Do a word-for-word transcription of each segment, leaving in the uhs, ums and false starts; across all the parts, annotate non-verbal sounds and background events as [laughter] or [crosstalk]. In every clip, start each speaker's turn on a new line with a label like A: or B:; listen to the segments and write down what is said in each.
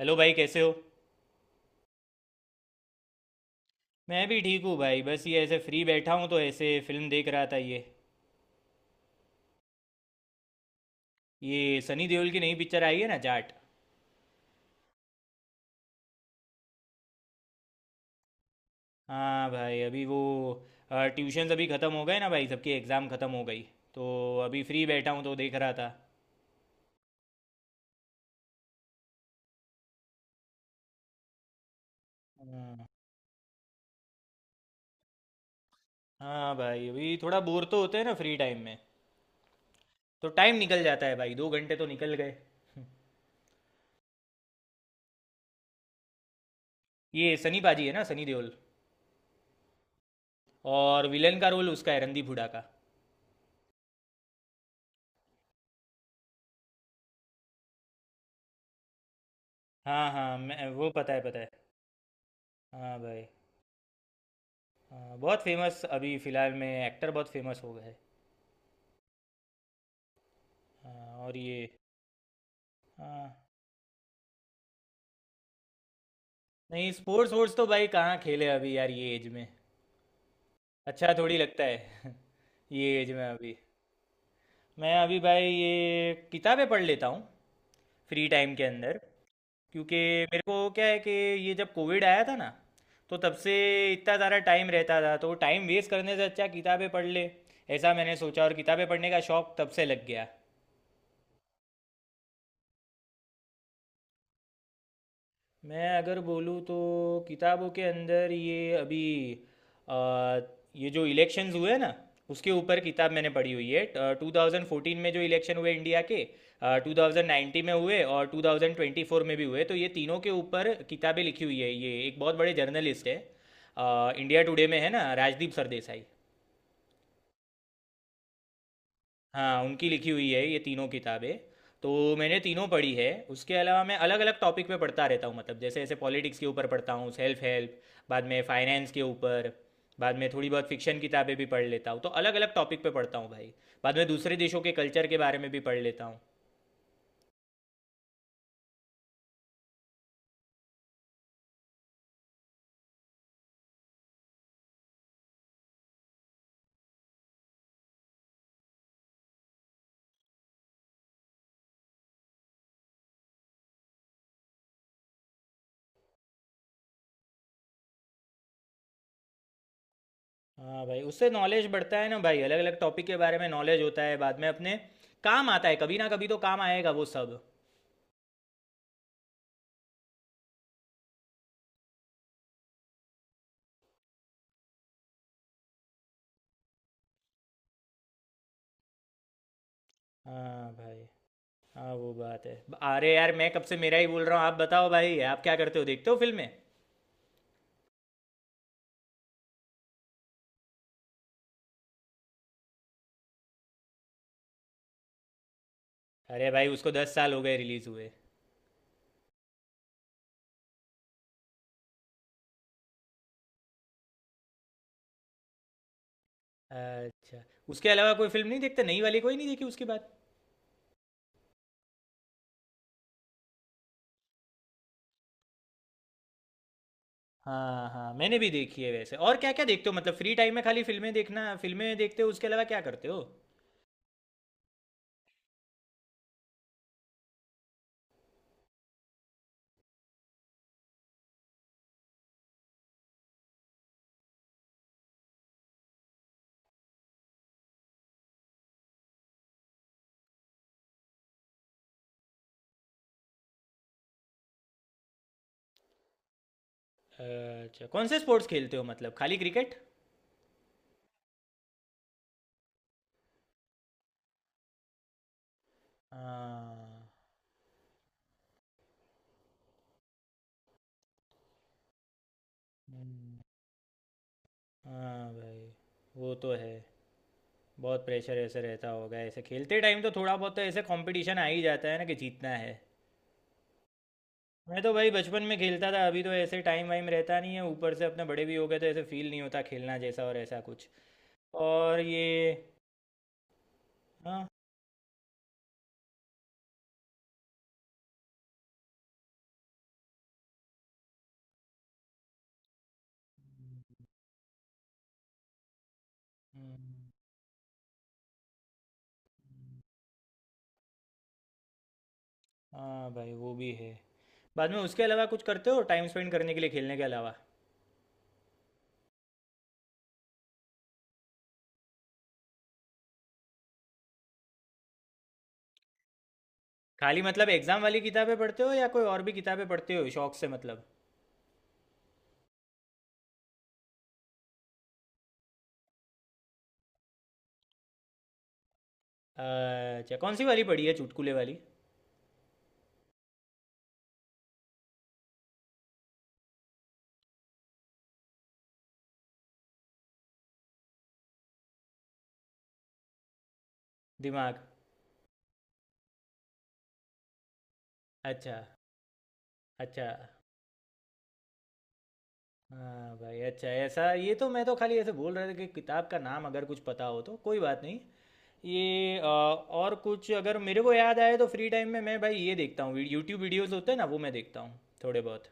A: Hello भाई, कैसे हो। मैं भी ठीक हूँ भाई, बस ये ऐसे फ्री बैठा हूँ तो ऐसे फिल्म देख रहा था ये। ये सनी देओल की नई पिक्चर आई है ना, जाट। हाँ भाई, अभी वो अ, ट्यूशन अभी ख़त्म हो गए ना भाई, सबकी एग्ज़ाम ख़त्म हो गई। तो अभी फ्री बैठा हूँ तो देख रहा था। हाँ भाई, अभी थोड़ा बोर तो होते हैं ना फ्री टाइम में। तो टाइम निकल जाता है भाई, दो घंटे तो निकल गए। ये सनी पाजी है ना, सनी देओल। और विलन का रोल उसका है, रणदीप हुडा का। हाँ हाँ, मैं वो पता है पता है। हाँ भाई। हाँ, बहुत फेमस अभी फ़िलहाल में एक्टर बहुत फेमस हो गए हैं। हाँ, और ये। हाँ। नहीं स्पोर्ट्स वोर्ट्स तो भाई कहाँ खेले अभी यार, ये एज में अच्छा थोड़ी लगता है। [laughs] ये एज में अभी। मैं अभी भाई ये किताबें पढ़ लेता हूँ फ्री टाइम के अंदर। क्योंकि मेरे को क्या है कि ये जब कोविड आया था ना, तो तब से इतना ज़्यादा टाइम रहता था तो टाइम वेस्ट करने से अच्छा किताबें पढ़ ले, ऐसा मैंने सोचा और किताबें पढ़ने का शौक तब से लग गया। मैं अगर बोलूँ तो किताबों के अंदर ये अभी, अ, ये जो इलेक्शंस हुए ना, उसके ऊपर किताब मैंने पढ़ी हुई है। टू थाउजेंड फोर्टीन में जो इलेक्शन हुए इंडिया के, टू थाउजेंड नाइन्टी में हुए और टू थाउजेंड ट्वेंटी फोर में भी हुए, तो ये तीनों के ऊपर किताबें लिखी हुई है। ये एक बहुत बड़े जर्नलिस्ट है, अ, इंडिया टुडे में है ना, राजदीप सरदेसाई। हाँ उनकी लिखी हुई है ये तीनों किताबें। तो मैंने तीनों पढ़ी है। उसके अलावा मैं अलग अलग टॉपिक पे पढ़ता रहता हूँ, मतलब जैसे ऐसे पॉलिटिक्स के ऊपर पढ़ता हूँ, सेल्फ हेल्प, बाद में फाइनेंस के ऊपर, बाद में थोड़ी बहुत फिक्शन किताबें भी पढ़ लेता हूँ, तो अलग अलग टॉपिक पे पढ़ता हूँ भाई। बाद में दूसरे देशों के कल्चर के बारे में भी पढ़ लेता हूँ। हाँ भाई, उससे नॉलेज बढ़ता है ना भाई, अलग अलग टॉपिक के बारे में नॉलेज होता है, बाद में अपने काम आता है, कभी ना कभी तो काम आएगा वो सब। हाँ भाई। हाँ, वो बात है। अरे यार, मैं कब से मेरा ही बोल रहा हूँ, आप बताओ भाई, आप क्या करते हो, देखते हो फिल्में। अरे भाई, उसको दस साल हो गए रिलीज़ हुए। अच्छा, उसके अलावा कोई फिल्म नहीं देखते, नई वाली कोई नहीं देखी उसके बाद। हाँ हाँ, मैंने भी देखी है वैसे। और क्या क्या देखते हो मतलब फ्री टाइम में, खाली फिल्में देखना, फिल्में देखते हो उसके अलावा क्या करते हो। अच्छा कौन से स्पोर्ट्स खेलते हो, मतलब खाली क्रिकेट। हाँ। हम्म, हाँ भाई, वो तो है। बहुत प्रेशर ऐसे रहता होगा ऐसे खेलते टाइम, तो थोड़ा बहुत तो ऐसे कंपटीशन आ ही जाता है ना कि जीतना है। मैं तो भाई बचपन में खेलता था, अभी तो ऐसे टाइम वाइम रहता नहीं है, ऊपर से अपने बड़े भी हो गए तो ऐसे फील नहीं होता खेलना जैसा और ऐसा कुछ। और ये। हाँ। हम्म, हाँ भाई, वो भी है। बाद में उसके अलावा कुछ करते हो टाइम स्पेंड करने के लिए खेलने के अलावा। खाली मतलब एग्जाम वाली किताबें पढ़ते हो या कोई और भी किताबें पढ़ते हो शौक से मतलब। अच्छा कौन सी वाली पढ़ी है चुटकुले वाली। दिमाग। अच्छा। अच्छा। हाँ भाई, अच्छा ऐसा, ये तो मैं तो खाली ऐसे बोल रहा था कि किताब का नाम अगर कुछ पता हो तो कोई बात नहीं। ये अ, और कुछ अगर मेरे को याद आए तो फ्री टाइम में मैं भाई ये देखता हूँ यूट्यूब, वीडियोस होते हैं ना वो मैं देखता हूँ थोड़े बहुत।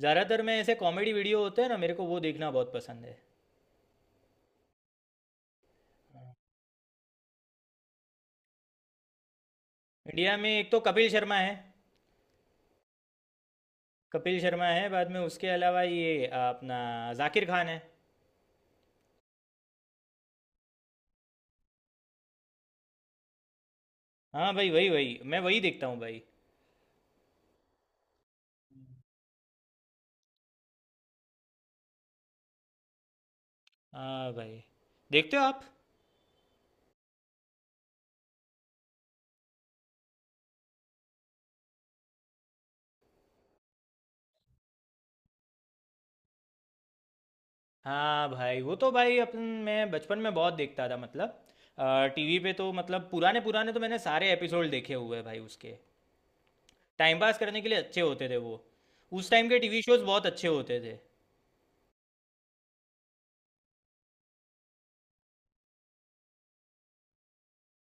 A: ज़्यादातर मैं ऐसे कॉमेडी वीडियो होते हैं ना मेरे को वो देखना बहुत पसंद है। इंडिया में एक तो कपिल शर्मा है। कपिल शर्मा है, बाद में उसके अलावा ये अ, अपना जाकिर खान है। हाँ भाई, वही वही मैं वही देखता हूँ भाई। हाँ भाई। देखते हो आप। हाँ भाई, वो तो भाई अपन, मैं बचपन में बहुत देखता था मतलब टीवी पे तो, मतलब पुराने पुराने तो मैंने सारे एपिसोड देखे हुए हैं भाई उसके, टाइम पास करने के लिए अच्छे होते थे वो। उस टाइम के टीवी शोज बहुत अच्छे होते थे।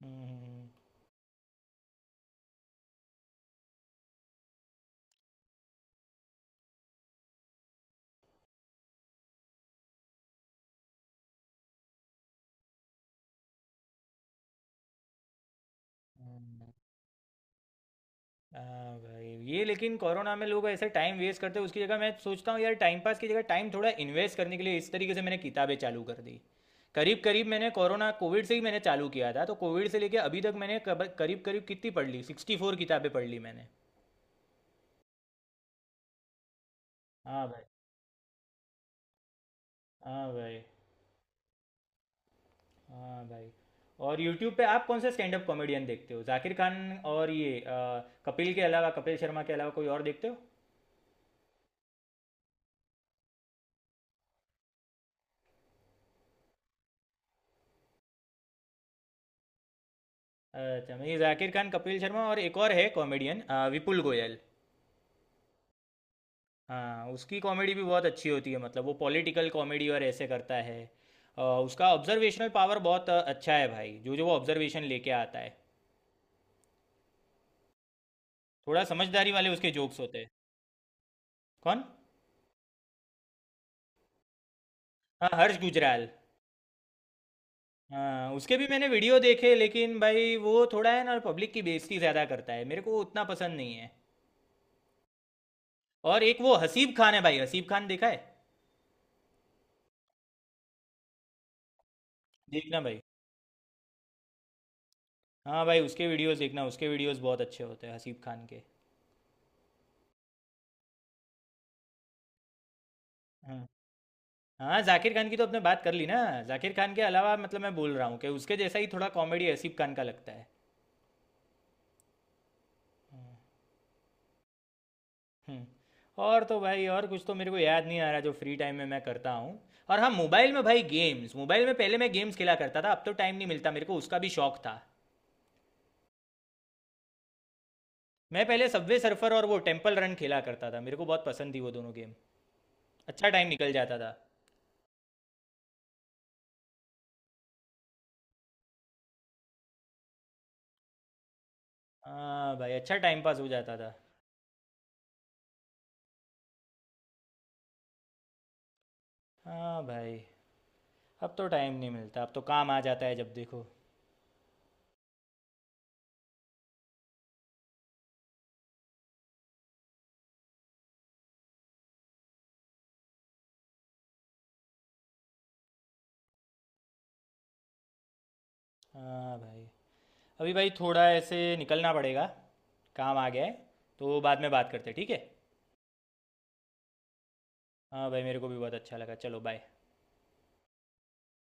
A: हम्म। हम्म। हाँ भाई, ये लेकिन कोरोना में लोग ऐसे टाइम वेस्ट करते हैं, उसकी जगह मैं सोचता हूँ यार टाइम पास की जगह टाइम थोड़ा इन्वेस्ट करने के लिए, इस तरीके से मैंने किताबें चालू कर दी। करीब करीब मैंने कोरोना कोविड से ही मैंने चालू किया था तो कोविड से लेके अभी तक मैंने करीब करीब कितनी पढ़ ली, सिक्सटी फोर किताबें पढ़ ली मैंने। हाँ भाई। हाँ भाई। हाँ भाई, और यूट्यूब पे आप कौन से स्टैंड अप कॉमेडियन देखते हो, जाकिर खान और ये अ, कपिल के अलावा, कपिल शर्मा के अलावा कोई और देखते हो। अच्छा, मैं ये जाकिर खान, कपिल शर्मा और एक और है कॉमेडियन, विपुल गोयल। हाँ उसकी कॉमेडी भी बहुत अच्छी होती है, मतलब वो पॉलिटिकल कॉमेडी और ऐसे करता है। अ, उसका ऑब्जर्वेशनल पावर बहुत अ, अच्छा है भाई, जो जो वो ऑब्जर्वेशन लेके आता है। थोड़ा समझदारी वाले उसके जोक्स होते हैं। कौन। हाँ, हर्ष गुजराल। हाँ उसके भी मैंने वीडियो देखे लेकिन भाई वो थोड़ा है ना पब्लिक की बेइज्जती ज़्यादा करता है, मेरे को वो उतना पसंद नहीं है। और एक वो हसीब खान है भाई, हसीब खान देखा है। देखना भाई। हाँ भाई, उसके वीडियोस देखना, उसके वीडियोस बहुत अच्छे होते हैं हसीब खान के। हाँ। हाँ जाकिर खान की तो आपने बात कर ली ना। जाकिर खान के अलावा मतलब मैं बोल रहा हूँ कि उसके जैसा ही थोड़ा कॉमेडी हसीब खान का लगता है। हम्म। और तो भाई और कुछ तो मेरे को याद नहीं आ रहा जो फ्री टाइम में मैं करता हूँ। और हाँ, मोबाइल में भाई गेम्स, मोबाइल में पहले मैं गेम्स खेला करता था, अब तो टाइम नहीं मिलता, मेरे को उसका भी शौक था। मैं पहले सबवे सर्फर और वो टेम्पल रन खेला करता था, मेरे को बहुत पसंद थी वो दोनों गेम। अच्छा टाइम निकल जाता था। हाँ भाई, अच्छा टाइम पास हो जाता था। हाँ भाई, अब तो टाइम नहीं मिलता अब तो काम आ जाता है जब देखो। हाँ भाई। अभी भाई थोड़ा ऐसे निकलना पड़ेगा, काम आ गया है तो बाद में बात करते हैं, ठीक है। हाँ भाई, मेरे को भी बहुत अच्छा लगा, चलो बाय।